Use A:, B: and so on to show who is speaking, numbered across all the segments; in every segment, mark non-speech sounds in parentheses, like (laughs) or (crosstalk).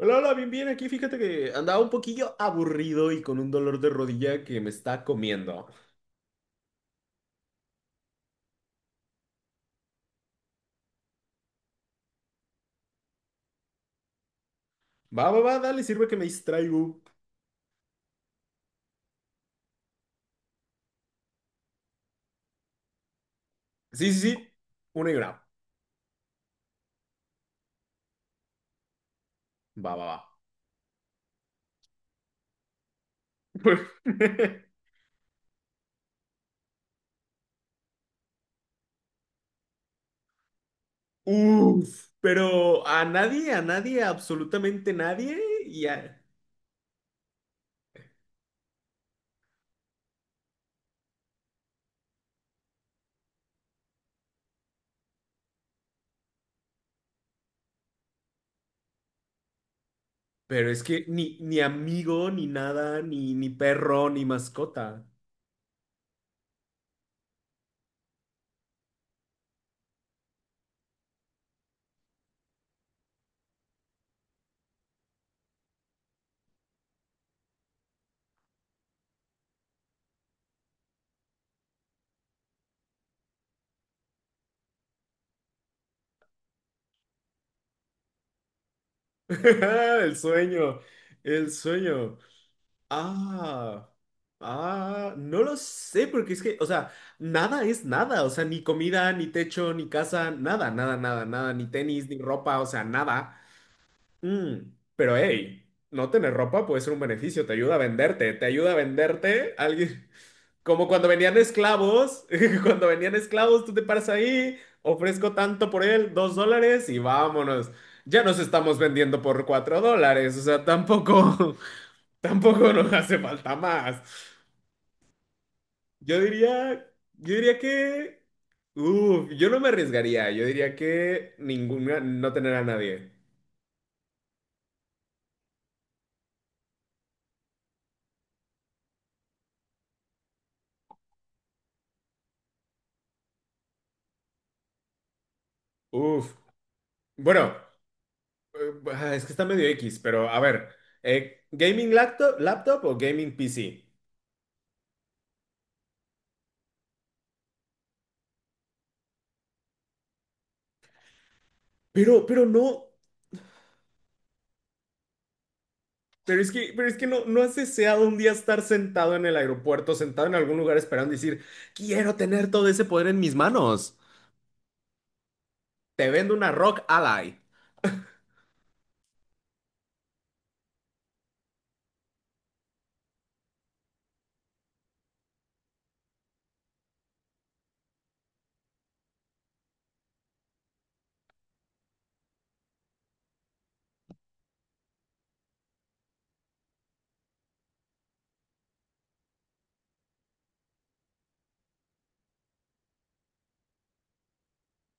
A: Hola, hola, bien, bien, aquí fíjate que andaba un poquillo aburrido y con un dolor de rodilla que me está comiendo. Va, va, va, dale, sirve que me distraigo. Sí, sí, sí, una y una. Va, va, va. (laughs) Uf, pero a nadie, absolutamente nadie, ya. Pero es que ni amigo, ni nada, ni perro, ni mascota. (laughs) El sueño, el sueño. Ah, ah, no lo sé, porque es que, o sea, nada es nada, o sea, ni comida, ni techo, ni casa, nada, nada, nada, nada, ni tenis, ni ropa, o sea, nada. Mm, pero hey, no tener ropa puede ser un beneficio, te ayuda a venderte, te ayuda a venderte alguien. (laughs) Como cuando venían esclavos, (laughs) cuando venían esclavos, tú te paras ahí, ofrezco tanto por él, dos dólares y vámonos. Ya nos estamos vendiendo por cuatro dólares, o sea, tampoco. Tampoco nos hace falta más. Yo diría, yo diría que, yo no me arriesgaría. Yo diría que ninguna, no tener a nadie. Uf. Bueno, es que está medio X, pero a ver, gaming laptop, laptop o gaming PC. Pero no, pero es que no, no has deseado un día estar sentado en el aeropuerto, sentado en algún lugar esperando y decir, quiero tener todo ese poder en mis manos. Te vendo una Rock Ally.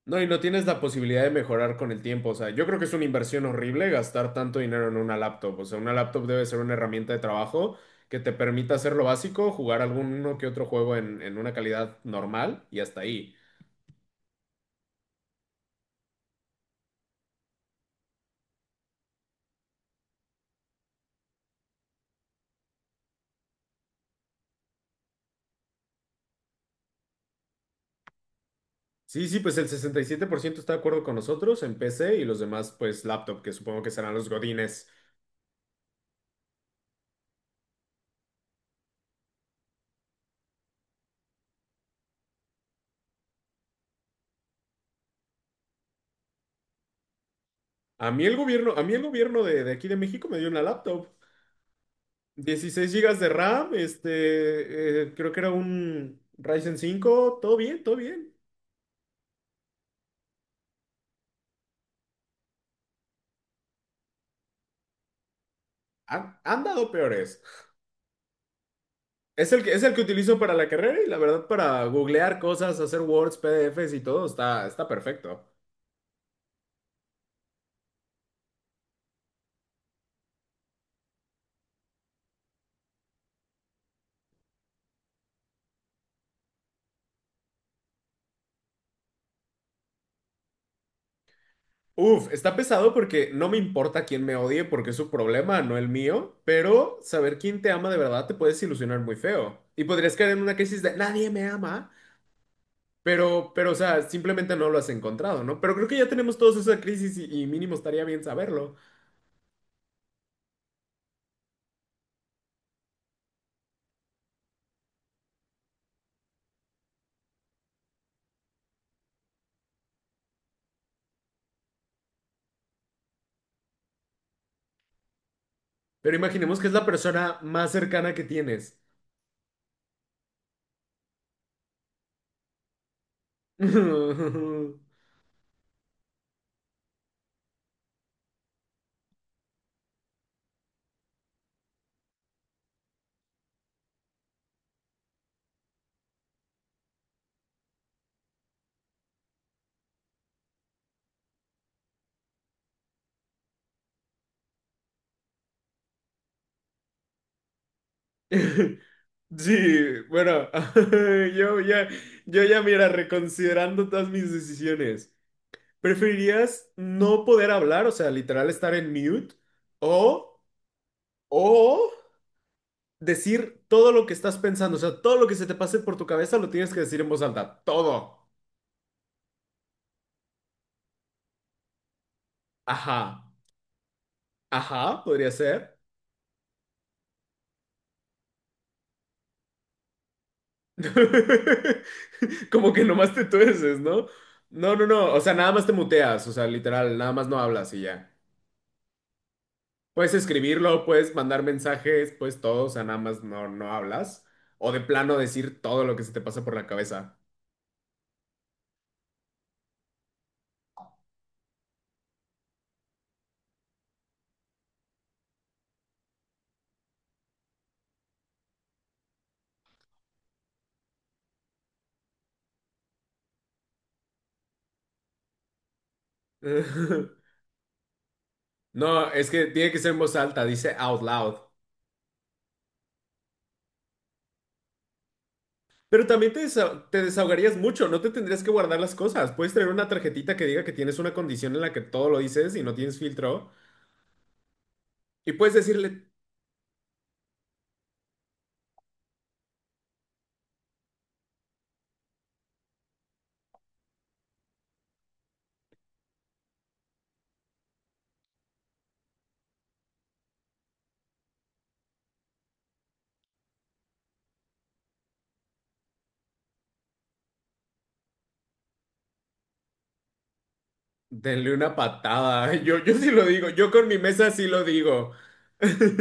A: No, y no tienes la posibilidad de mejorar con el tiempo. O sea, yo creo que es una inversión horrible gastar tanto dinero en una laptop. O sea, una laptop debe ser una herramienta de trabajo que te permita hacer lo básico, jugar alguno que otro juego en una calidad normal y hasta ahí. Sí, sí, pues el 67% está de acuerdo con nosotros en PC y los demás, pues laptop, que supongo que serán los godines. A mí el gobierno de aquí de México me dio una laptop. 16 gigas de RAM, creo que era un Ryzen cinco, todo bien, todo bien. Han dado peores. Es el que utilizo para la carrera y la verdad para googlear cosas, hacer Words, PDFs y todo está perfecto. Uf, está pesado porque no me importa quién me odie porque es su problema, no el mío, pero saber quién te ama de verdad te puedes ilusionar muy feo. Y podrías caer en una crisis de nadie me ama, o sea, simplemente no lo has encontrado, ¿no? Pero creo que ya tenemos todos esa crisis y mínimo estaría bien saberlo. Pero imaginemos que es la persona más cercana que tienes. (laughs) Sí, bueno, (laughs) yo ya, mira, reconsiderando todas mis decisiones, ¿preferirías no poder hablar, o sea, literal estar en mute, o, o decir todo lo que estás pensando, o sea, todo lo que se te pase por tu cabeza lo tienes que decir en voz alta, todo? Ajá, ajá, podría ser. (laughs) Como que nomás te tuerces, ¿no? No, o sea, nada más te muteas, o sea, literal, nada más no hablas y ya. Puedes escribirlo, puedes mandar mensajes, pues todo, o sea, nada más no hablas. O de plano decir todo lo que se te pasa por la cabeza. (laughs) No, es que tiene que ser en voz alta, dice out loud. Pero también te desahogarías mucho, no te tendrías que guardar las cosas. Puedes tener una tarjetita que diga que tienes una condición en la que todo lo dices y no tienes filtro. Y puedes decirle, denle una patada. (laughs) Yo sí lo digo, yo con mi mesa sí lo digo. (laughs)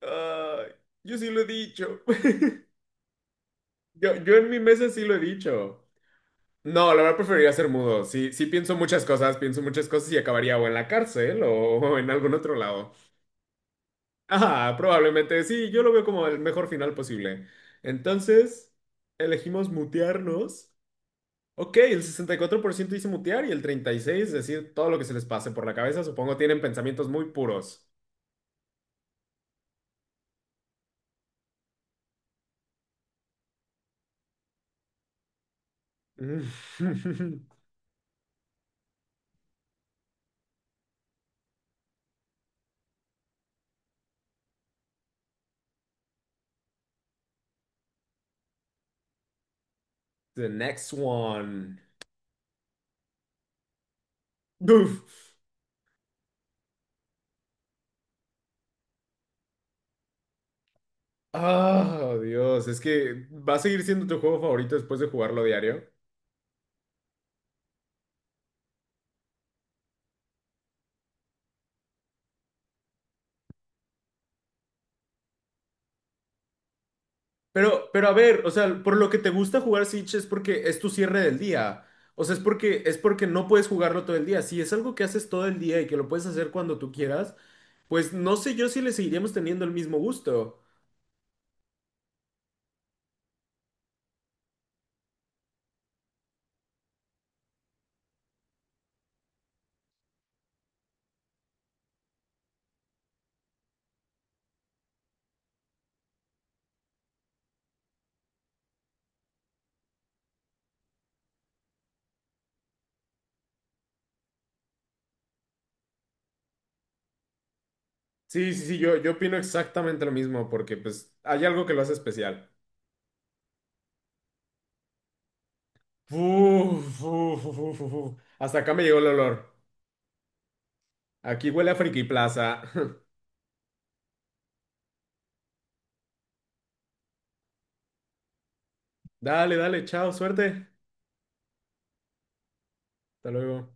A: Ay, yo sí lo he dicho. Yo en mi mesa sí lo he dicho. No, la verdad preferiría ser mudo. Sí, sí pienso muchas cosas y acabaría o en la cárcel o (laughs) en algún otro lado. Ajá, probablemente sí, yo lo veo como el mejor final posible. Entonces, elegimos mutearnos. Ok, el 64% dice mutear y el 36% decir todo lo que se les pase por la cabeza. Supongo tienen pensamientos muy puros. (laughs) The next one. Uf. Ah, Dios, es que va a seguir siendo tu juego favorito después de jugarlo diario. Pero a ver, o sea, por lo que te gusta jugar Siege es porque es tu cierre del día. O sea, es porque no puedes jugarlo todo el día. Si es algo que haces todo el día y que lo puedes hacer cuando tú quieras, pues no sé yo si le seguiríamos teniendo el mismo gusto. Sí, sí, sí, yo opino exactamente lo mismo porque pues hay algo que lo hace especial. Uf, uf, uf, uf, uf. Hasta acá me llegó el olor. Aquí huele a Friki Plaza. (laughs) Dale, dale, chao, suerte. Hasta luego.